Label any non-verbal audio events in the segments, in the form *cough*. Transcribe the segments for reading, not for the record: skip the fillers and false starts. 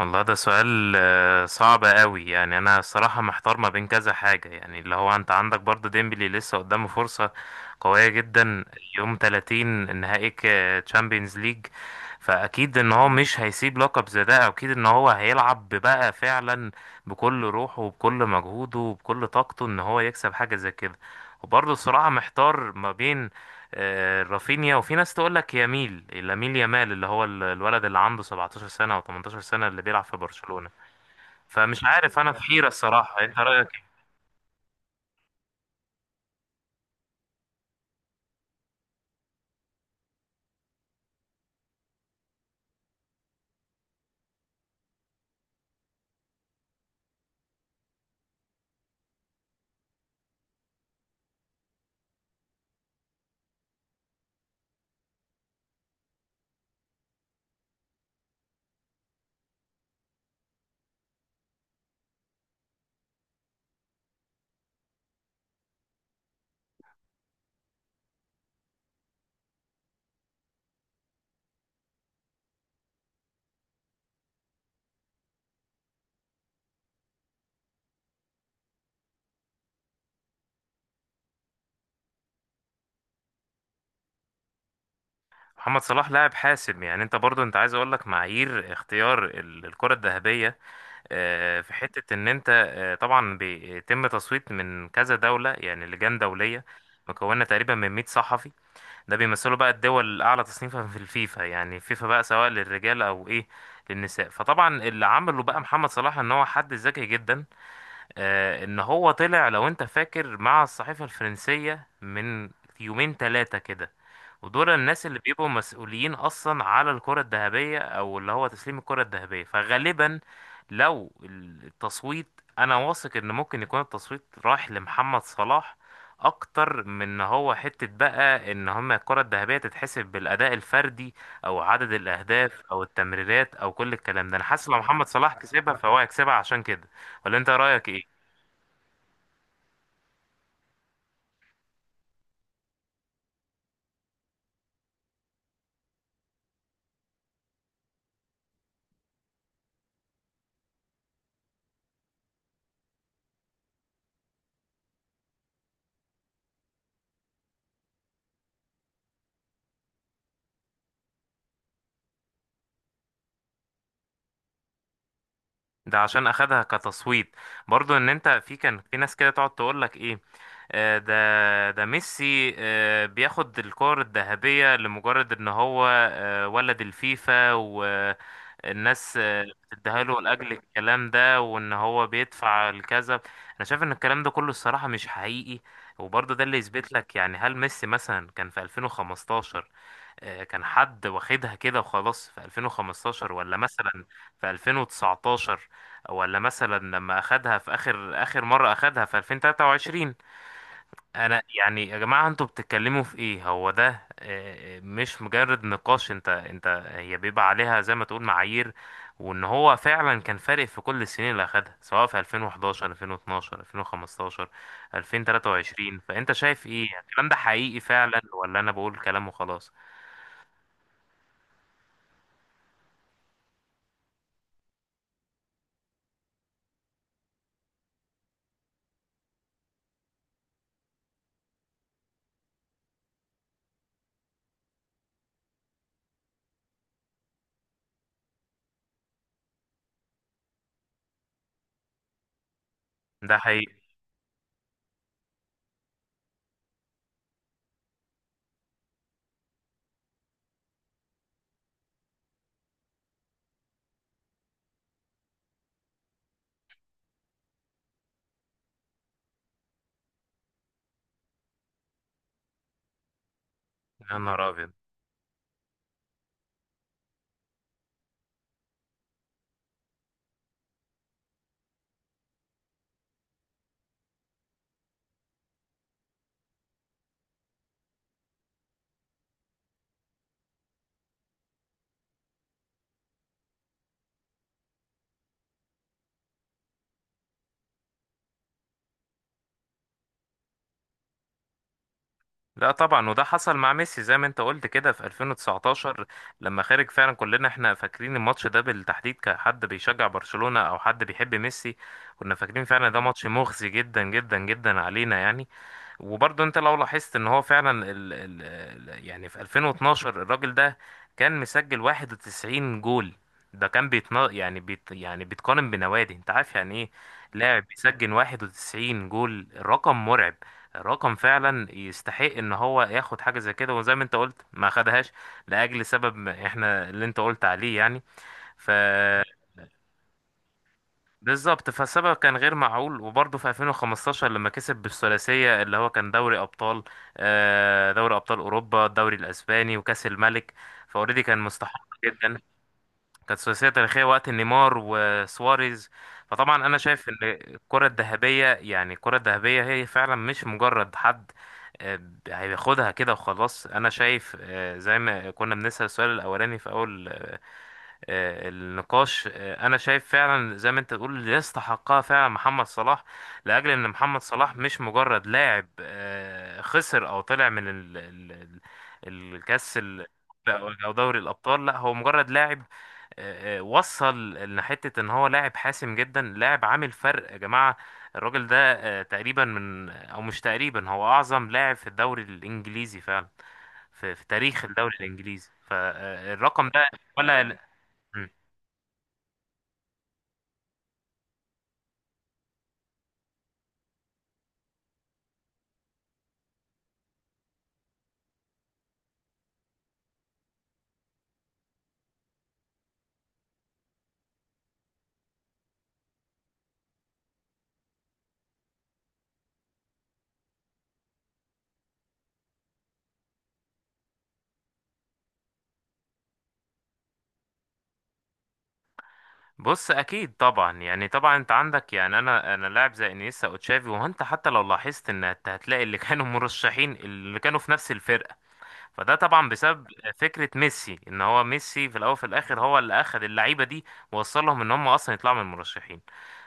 والله ده سؤال صعب قوي، يعني انا الصراحه محتار ما بين كذا حاجه، يعني اللي هو انت عندك برضو ديمبلي لسه قدامه فرصه قويه جدا. يوم 30 نهائي تشامبيونز ليج، فاكيد ان هو مش هيسيب لقب زي ده، اكيد ان هو هيلعب بقى فعلا بكل روحه وبكل مجهوده وبكل طاقته ان هو يكسب حاجه زي كده. وبرضه الصراحه محتار ما بين رافينيا، وفي ناس تقول لك يميل لامين يامال، اللي هو الولد اللي عنده 17 سنة او 18 سنة اللي بيلعب في برشلونة. فمش عارف، انا في حيرة الصراحة، انت رأيك إيه؟ محمد صلاح لاعب حاسم، يعني انت برضو انت عايز اقول لك معايير اختيار الكرة الذهبية. في حتة ان انت طبعا بيتم تصويت من كذا دولة، يعني لجان دولية مكونة تقريبا من 100 صحفي. ده بيمثلوا بقى الدول الأعلى تصنيفا في الفيفا، يعني فيفا بقى سواء للرجال أو إيه للنساء. فطبعا اللي عمله بقى محمد صلاح إن هو حد ذكي جدا، ان هو طلع لو انت فاكر مع الصحيفة الفرنسية من يومين ثلاثة كده، ودول الناس اللي بيبقوا مسؤولين اصلا على الكرة الذهبية او اللي هو تسليم الكرة الذهبية. فغالبا لو التصويت، انا واثق ان ممكن يكون التصويت رايح لمحمد صلاح اكتر من ان هو حتة بقى ان هما الكرة الذهبية تتحسب بالاداء الفردي او عدد الاهداف او التمريرات او كل الكلام ده. انا حاسس لو محمد صلاح كسبها فهو هيكسبها عشان كده. ولا انت رايك ايه؟ ده عشان اخدها كتصويت، برضو ان انت في كان في ناس كده تقعد تقول لك ايه، ده ميسي بياخد الكور الذهبية لمجرد ان هو ولد الفيفا والناس، آه، بتديها له لاجل الكلام ده وان هو بيدفع الكذا. انا شايف ان الكلام ده كله الصراحة مش حقيقي. وبرضه ده اللي يثبت لك، يعني هل ميسي مثلا كان في 2015 كان حد واخدها كده وخلاص في 2015، ولا مثلا في 2019، ولا مثلا لما اخدها في اخر اخر مرة اخدها في 2023؟ انا يعني يا جماعة انتوا بتتكلموا في ايه، هو ده مش مجرد نقاش، انت هي بيبقى عليها زي ما تقول معايير، وان هو فعلا كان فارق في كل السنين اللي اخدها سواء في 2011، 2012، 2015، 2023. فانت شايف ايه، الكلام ده حقيقي فعلا ولا انا بقول كلام وخلاص؟ ده حقيقي. يا نهار ابيض. لا طبعا، وده حصل مع ميسي زي ما انت قلت كده في 2019 لما خرج فعلا. كلنا احنا فاكرين الماتش ده بالتحديد كحد بيشجع برشلونة او حد بيحب ميسي، كنا فاكرين فعلا ده ماتش مخزي جدا جدا جدا علينا يعني. وبرضه انت لو لاحظت ان هو فعلا يعني في 2012 الراجل ده كان مسجل 91 جول. ده كان بيتنا، يعني بيت، يعني بيتقارن بنوادي، انت عارف يعني ايه لاعب بيسجل 91 جول؟ رقم مرعب، رقم فعلا يستحق ان هو ياخد حاجه زي كده، وزي ما انت قلت ما خدهاش لاجل سبب ما، احنا اللي انت قلت عليه يعني. ف بالظبط، فالسبب كان غير معقول. وبرضه في 2015 لما كسب بالثلاثية، اللي هو كان دوري أبطال، دوري أبطال أوروبا، الدوري الأسباني وكأس الملك. فأوريدي كان مستحق جدا، كانت ثلاثية تاريخية وقت نيمار وسواريز. فطبعا أنا شايف إن الكرة الذهبية، يعني الكرة الذهبية هي فعلا مش مجرد حد آه، هياخدها كده وخلاص. أنا شايف زي ما كنا بنسأل السؤال الأولاني في أول النقاش، انا شايف فعلا زي ما انت تقول اللي يستحقها فعلا محمد صلاح، لاجل ان محمد صلاح مش مجرد لاعب خسر او طلع من الكاس او دوري الابطال. لا هو مجرد لاعب، وصل لحتة ان هو لاعب حاسم جدا، لاعب عامل فرق يا جماعة. الراجل ده تقريبا من، او مش تقريبا، هو اعظم لاعب في الدوري الانجليزي فعلا، في تاريخ الدوري الانجليزي، فالرقم ده ولا... بص اكيد طبعا، يعني طبعا انت عندك، يعني انا لاعب زي انيستا او تشافي، وانت حتى لو لاحظت ان انت هتلاقي اللي كانوا *laughs* مرشحين اللي كانوا في نفس الفرقه، فده طبعا بسبب فكرة ميسي ان هو ميسي في الاول وفي الاخر هو اللي اخذ اللعيبة دي ووصلهم ان هم اصلا يطلعوا من المرشحين.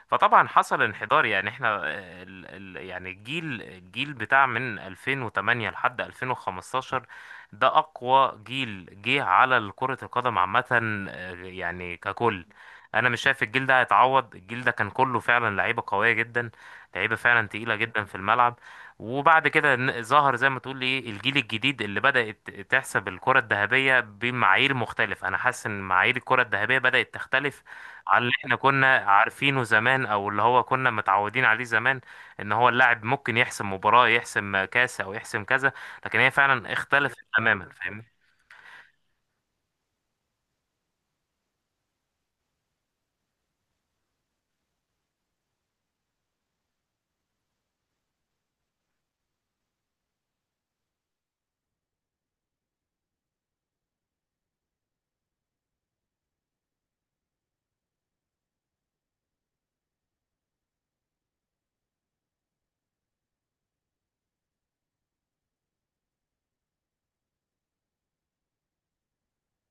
فطبعا حصل انحدار، يعني احنا ال ال يعني الجيل، بتاع من 2008 لحد 2015 ده اقوى جيل جه على كرة القدم عامة، يعني ككل. انا مش شايف الجيل ده هيتعوض، الجيل ده كان كله فعلا لعيبة قوية جدا، لعيبة فعلا تقيلة جدا في الملعب. وبعد كده ظهر زي ما تقول ايه الجيل الجديد اللي بدأت تحسب الكرة الذهبية بمعايير مختلفة. انا حاسس ان معايير الكرة الذهبية بدأت تختلف عن اللي احنا كنا عارفينه زمان، او اللي هو كنا متعودين عليه زمان، ان هو اللاعب ممكن يحسم مباراة، يحسم كاس، او يحسم كذا، لكن هي فعلا اختلفت تماما، فاهمني؟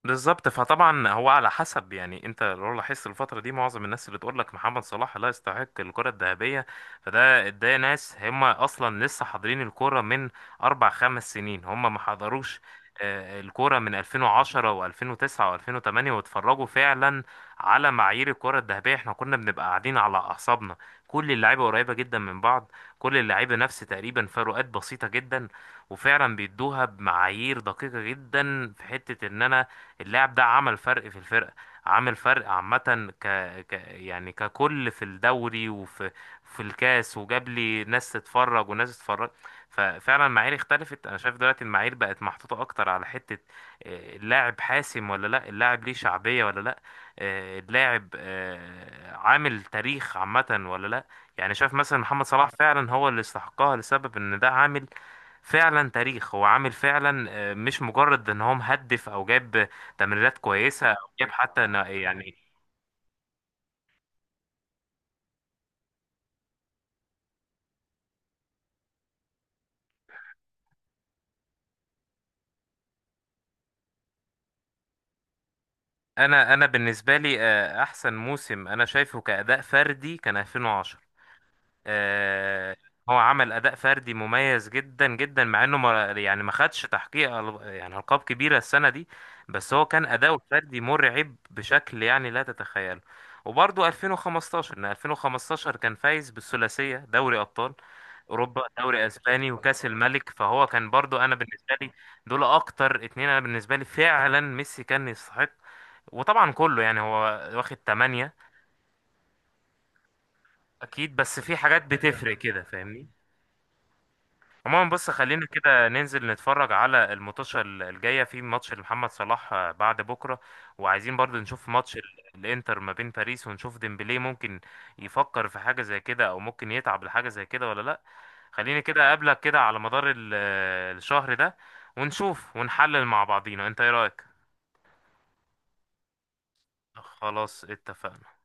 بالظبط. فطبعا هو على حسب يعني، انت لو لاحظت الفتره دي معظم الناس اللي تقول لك محمد صلاح لا يستحق الكره الذهبيه، فده ده ناس هم اصلا لسه حاضرين الكوره من اربع خمس سنين، هم ما حضروش الكوره من 2010 و2009 و2008 واتفرجوا فعلا على معايير الكره الذهبيه. احنا كنا بنبقى قاعدين على اعصابنا، كل اللعيبه قريبه جدا من بعض، كل اللعيبه نفس تقريبا، فروقات بسيطه جدا. وفعلا بيدوها بمعايير دقيقه جدا في حته ان انا اللاعب ده عمل فرق في الفرقة، عامل فرق عامة ك... ك يعني ككل في الدوري، في الكاس، وجاب لي ناس تتفرج وناس تتفرج. ففعلا المعايير اختلفت، انا شايف دلوقتي المعايير بقت محطوطة اكتر على حتة اللاعب حاسم ولا لا، اللاعب ليه شعبية ولا لا، اللاعب عامل تاريخ عامة ولا لا. يعني شايف مثلا محمد صلاح فعلا هو اللي استحقها لسبب ان ده عامل فعلا تاريخ، هو عامل فعلا مش مجرد ان هو مهدف او جاب تمريرات كويسة وجاب، حتى أنا يعني. أنا بالنسبة لي أحسن موسم أنا شايفه كأداء فردي كان 2010، آه، هو عمل اداء فردي مميز جدا جدا، مع انه ما، يعني ما خدش تحقيق يعني القاب كبيره السنه دي، بس هو كان اداؤه الفردي مرعب بشكل يعني لا تتخيله. وبرضه 2015، ان 2015 كان فايز بالثلاثيه، دوري ابطال اوروبا، دوري اسباني وكاس الملك، فهو كان برضه انا بالنسبه لي دول اكتر 2. انا بالنسبه لي فعلا ميسي كان يستحق، وطبعا كله، يعني هو واخد 8، اكيد، بس في حاجات بتفرق كده، فاهمني؟ عموما بص، خلينا كده ننزل نتفرج على الماتشة الجاية، في ماتش لمحمد صلاح بعد بكرة، وعايزين برضو نشوف ماتش الانتر ما بين باريس، ونشوف ديمبلي ممكن يفكر في حاجة زي كده او ممكن يتعب لحاجة زي كده ولا لا. خليني كده اقابلك كده على مدار الشهر ده، ونشوف ونحلل مع بعضينا، انت ايه رأيك؟ خلاص اتفقنا.